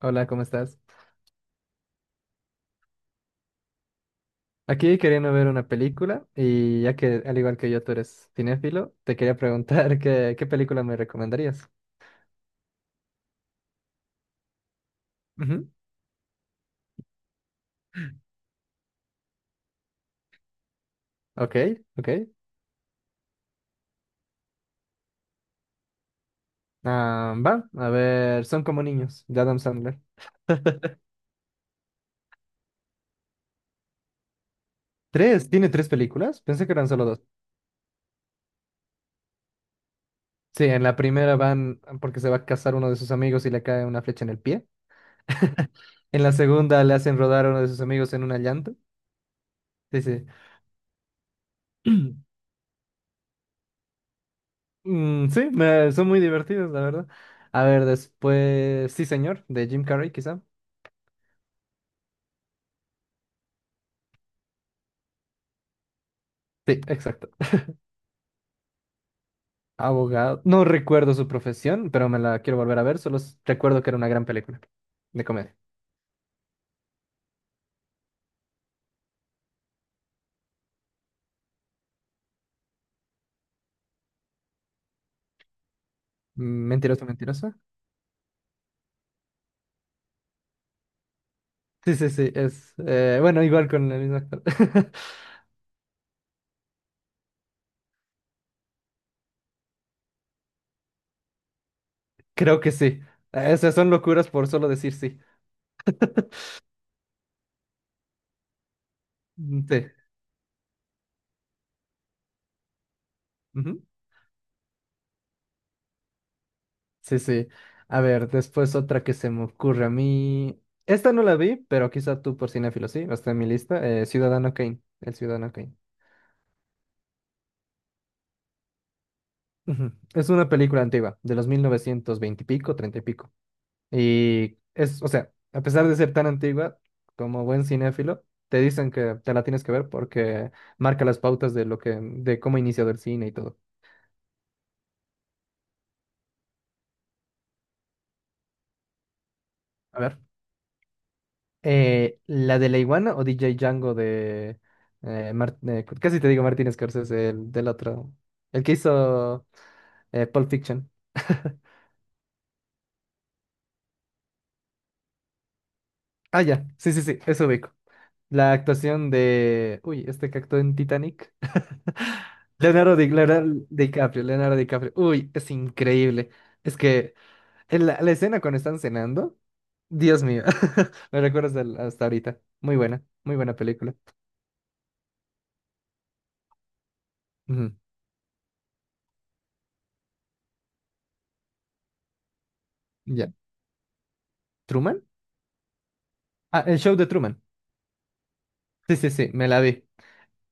Hola, ¿cómo estás? Aquí queriendo ver una película y ya que al igual que yo tú eres cinéfilo, te quería preguntar qué película me recomendarías. Ujú. Ok, ok. Ah, va, a ver, Son como niños, de Adam Sandler. ¿Tres? ¿Tiene tres películas? Pensé que eran solo dos. Sí, en la primera van porque se va a casar uno de sus amigos y le cae una flecha en el pie. En la segunda le hacen rodar a uno de sus amigos en una llanta. Sí, sí. Mm, sí, son muy divertidos, la verdad. A ver, después, sí, señor, de Jim Carrey, quizá. Sí, exacto. Abogado. No recuerdo su profesión, pero me la quiero volver a ver. Solo recuerdo que era una gran película de comedia. Mm, Mentiroso, mentiroso. Sí, sí, sí, bueno, igual con el mismo actor. Creo que sí. Esas son locuras por solo decir sí. Mm. Sí. Sí, sí. A ver, después otra que se me ocurre a mí. Esta no la vi, pero quizá tú por cinéfilo, sí, está en mi lista. Ciudadano Kane, el Ciudadano Kane. Ujú. Es una película antigua, de los 1920 y pico, 30 y pico. Y es, o sea, a pesar de ser tan antigua, como buen cinéfilo, te dicen que te la tienes que ver porque marca las pautas de lo que, de cómo ha iniciado el cine y todo. A ver. ¿La de la iguana o DJ Django de... casi te digo Martin Scorsese, el del otro? El que hizo Pulp Fiction. Ah, ya. Sí, sí, sí, eso ubico. La actuación de... Uy, este que actuó en Titanic. Leonardo, Leonardo DiCaprio, Leonardo DiCaprio. Uy, es increíble. Es que en la escena cuando están cenando, Dios mío, me recuerdas hasta ahorita. Muy buena película. Ujú. Ya. ¿Truman? Ah, el show de Truman. Sí, sí, sí, me la vi.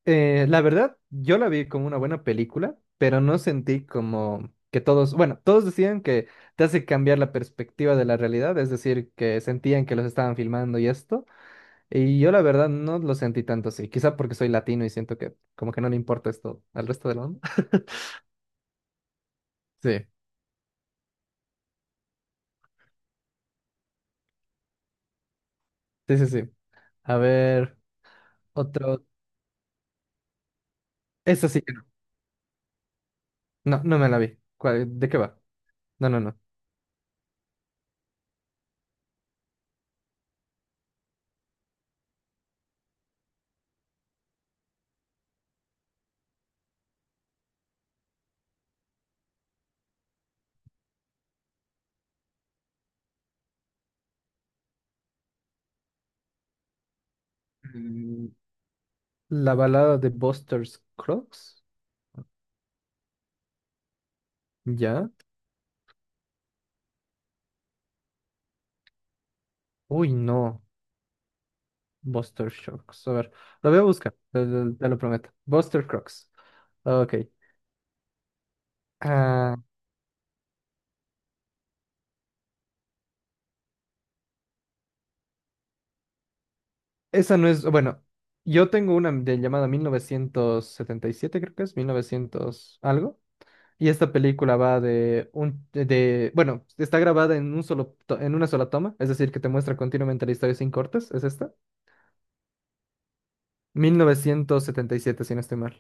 La verdad, yo la vi como una buena película, pero no sentí como que todos, bueno, todos decían que te hace cambiar la perspectiva de la realidad, es decir, que sentían que los estaban filmando y esto, y yo la verdad no lo sentí tanto así, quizá porque soy latino y siento que como que no le importa esto al resto del mundo. Sí, sí, sí, sí. A ver, otro. Eso sí que no. No, no me la vi. ¿De qué va? No, no, no. Mm, La balada de Buster Scruggs. ¿Ya? Uy, no. Buster Shocks. A ver, lo voy a buscar, te lo prometo. Buster Crocs. Ok. Ah, esa no es. Bueno, yo tengo una de llamada 1977, creo que es, 1900 algo. Y esta película va de un. Bueno, está grabada en un solo, en una sola toma, es decir, que te muestra continuamente la historia sin cortes. ¿Es esta? 1977, si no estoy mal.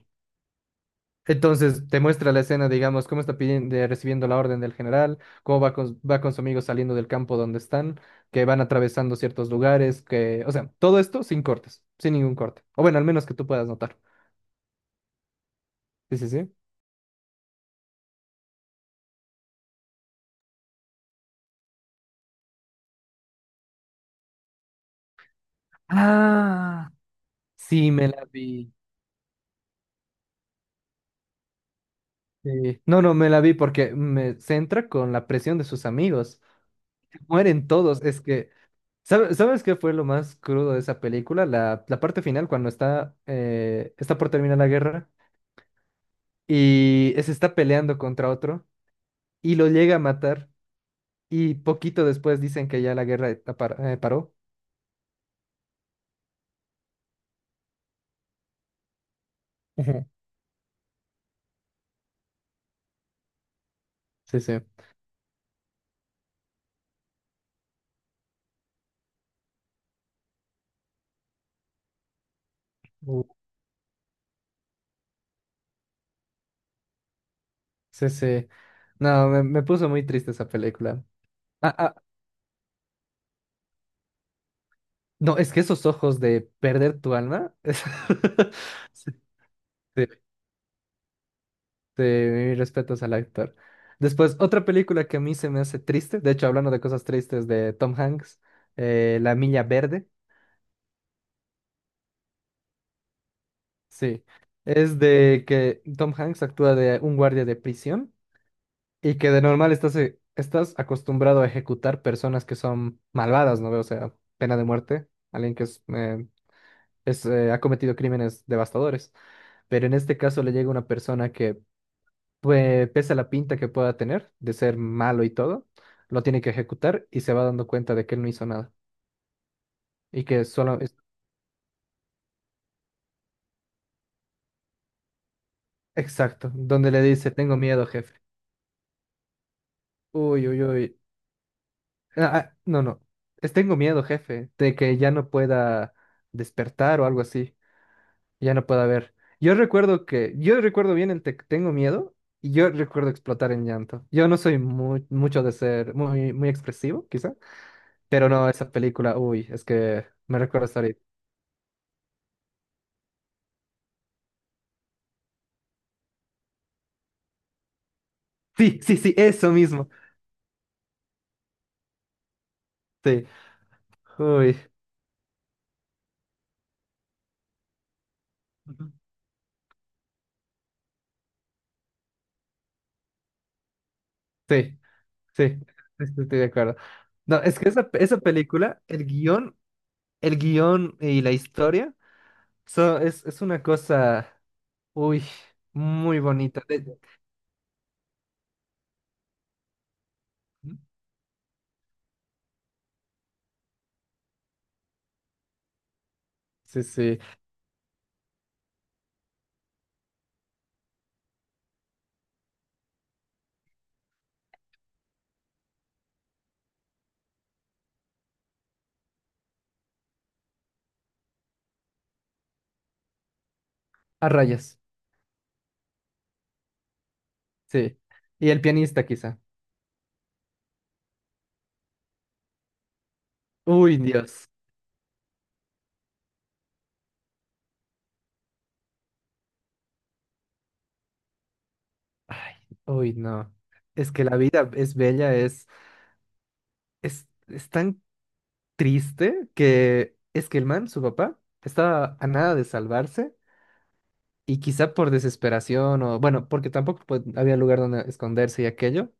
Entonces, te muestra la escena, digamos, cómo está pidiendo, recibiendo la orden del general, cómo va con su amigo saliendo del campo donde están, que van atravesando ciertos lugares, que, o sea, todo esto sin cortes, sin ningún corte. O bueno, al menos que tú puedas notar. Sí, sí, sí. Ah, sí, me la vi. Sí. No, no, me la vi porque me centra con la presión de sus amigos. Mueren todos. Es que, ¿sabes qué fue lo más crudo de esa película? La parte final, cuando está por terminar la guerra. Y se está peleando contra otro y lo llega a matar y poquito después dicen que ya la guerra paró. Ujú. Sí, sí. Uh, Sí, sí. No, me puso muy triste esa película. Ah, ah, no, es que esos ojos de perder tu alma. Sí, sí, sí, mis respetos al actor. Después, otra película que a mí se me hace triste, de hecho, hablando de cosas tristes de Tom Hanks, La Milla Verde. Sí, es de que Tom Hanks actúa de un guardia de prisión y que de normal estás, estás acostumbrado a ejecutar personas que son malvadas, ¿no? O sea, pena de muerte, alguien que ha cometido crímenes devastadores. Pero en este caso le llega una persona que, pues, pese a la pinta que pueda tener de ser malo y todo, lo tiene que ejecutar y se va dando cuenta de que él no hizo nada y que solo es... Exacto, donde le dice, tengo miedo, jefe. Uy, uy, uy. Ah, ah, no, no. Tengo miedo, jefe, de que ya no pueda despertar o algo así. Ya no pueda ver. Yo recuerdo bien tengo miedo y yo recuerdo explotar en llanto. Yo no soy muy, mucho de ser muy, muy expresivo, quizá, pero no, esa película, uy, es que me recuerda hasta ahorita. Sí, sí, sí, eso mismo. Sí, uy, Ujú. Sí, sí, estoy de acuerdo. No, es que esa película, el guión y la historia. So, es una cosa, uy, muy bonita. Sí, sí, a rayas, sí. Y el pianista quizá. Uy, Dios. Ay, uy, no. Es que la vida es bella, es tan triste que es que el man, su papá, estaba a nada de salvarse y quizá por desesperación o, bueno, porque tampoco pues, había lugar donde esconderse y aquello,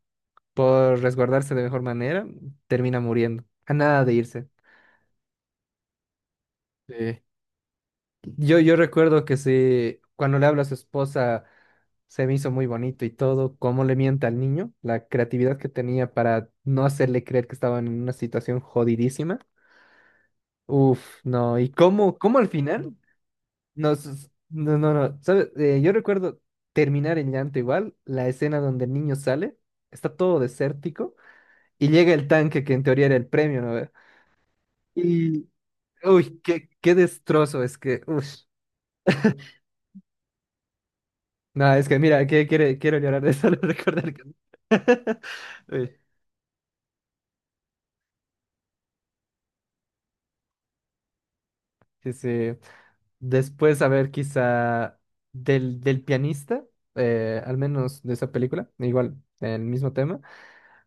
por resguardarse de mejor manera, termina muriendo, a nada de irse. Sí. Yo recuerdo cuando le habla a su esposa, se me hizo muy bonito y todo, cómo le mienta al niño, la creatividad que tenía para no hacerle creer que estaban en una situación jodidísima. Uf, no, y cómo al final, no, no, no, ¿sabes? Yo recuerdo terminar en llanto igual, la escena donde el niño sale, está todo desértico, y llega el tanque que en teoría era el premio, ¿no? ve. Y, uy, qué destrozo, es que, uff. No, es que mira, que quiero llorar de solo recordar que... Uy, sí, sí. Después, a ver, quizá del pianista, al menos de esa película, igual, el mismo tema,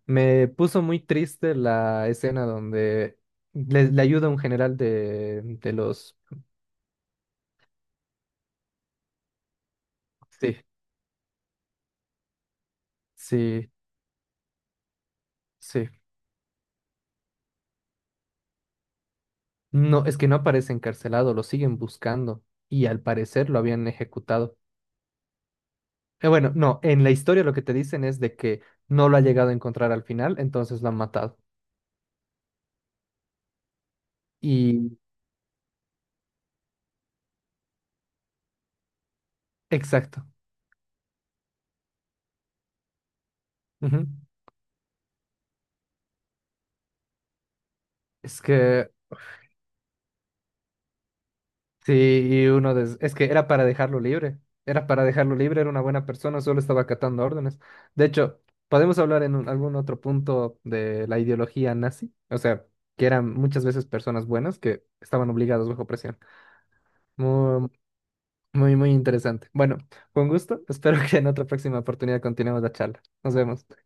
me puso muy triste la escena donde le ayuda a un general de los... Sí, sí, sí. No, es que no aparece encarcelado, lo siguen buscando y al parecer lo habían ejecutado. Bueno, no, en la historia lo que te dicen es de que no lo ha llegado a encontrar al final, entonces lo han matado. Y exacto. Ujú. Es que sí, y es que era para dejarlo libre. Era para dejarlo libre, era una buena persona, solo estaba acatando órdenes. De hecho, podemos hablar algún otro punto de la ideología nazi, o sea, que eran muchas veces personas buenas que estaban obligadas bajo presión. Muy, muy, muy interesante. Bueno, con gusto. Espero que en otra próxima oportunidad continuemos la charla. Nos vemos.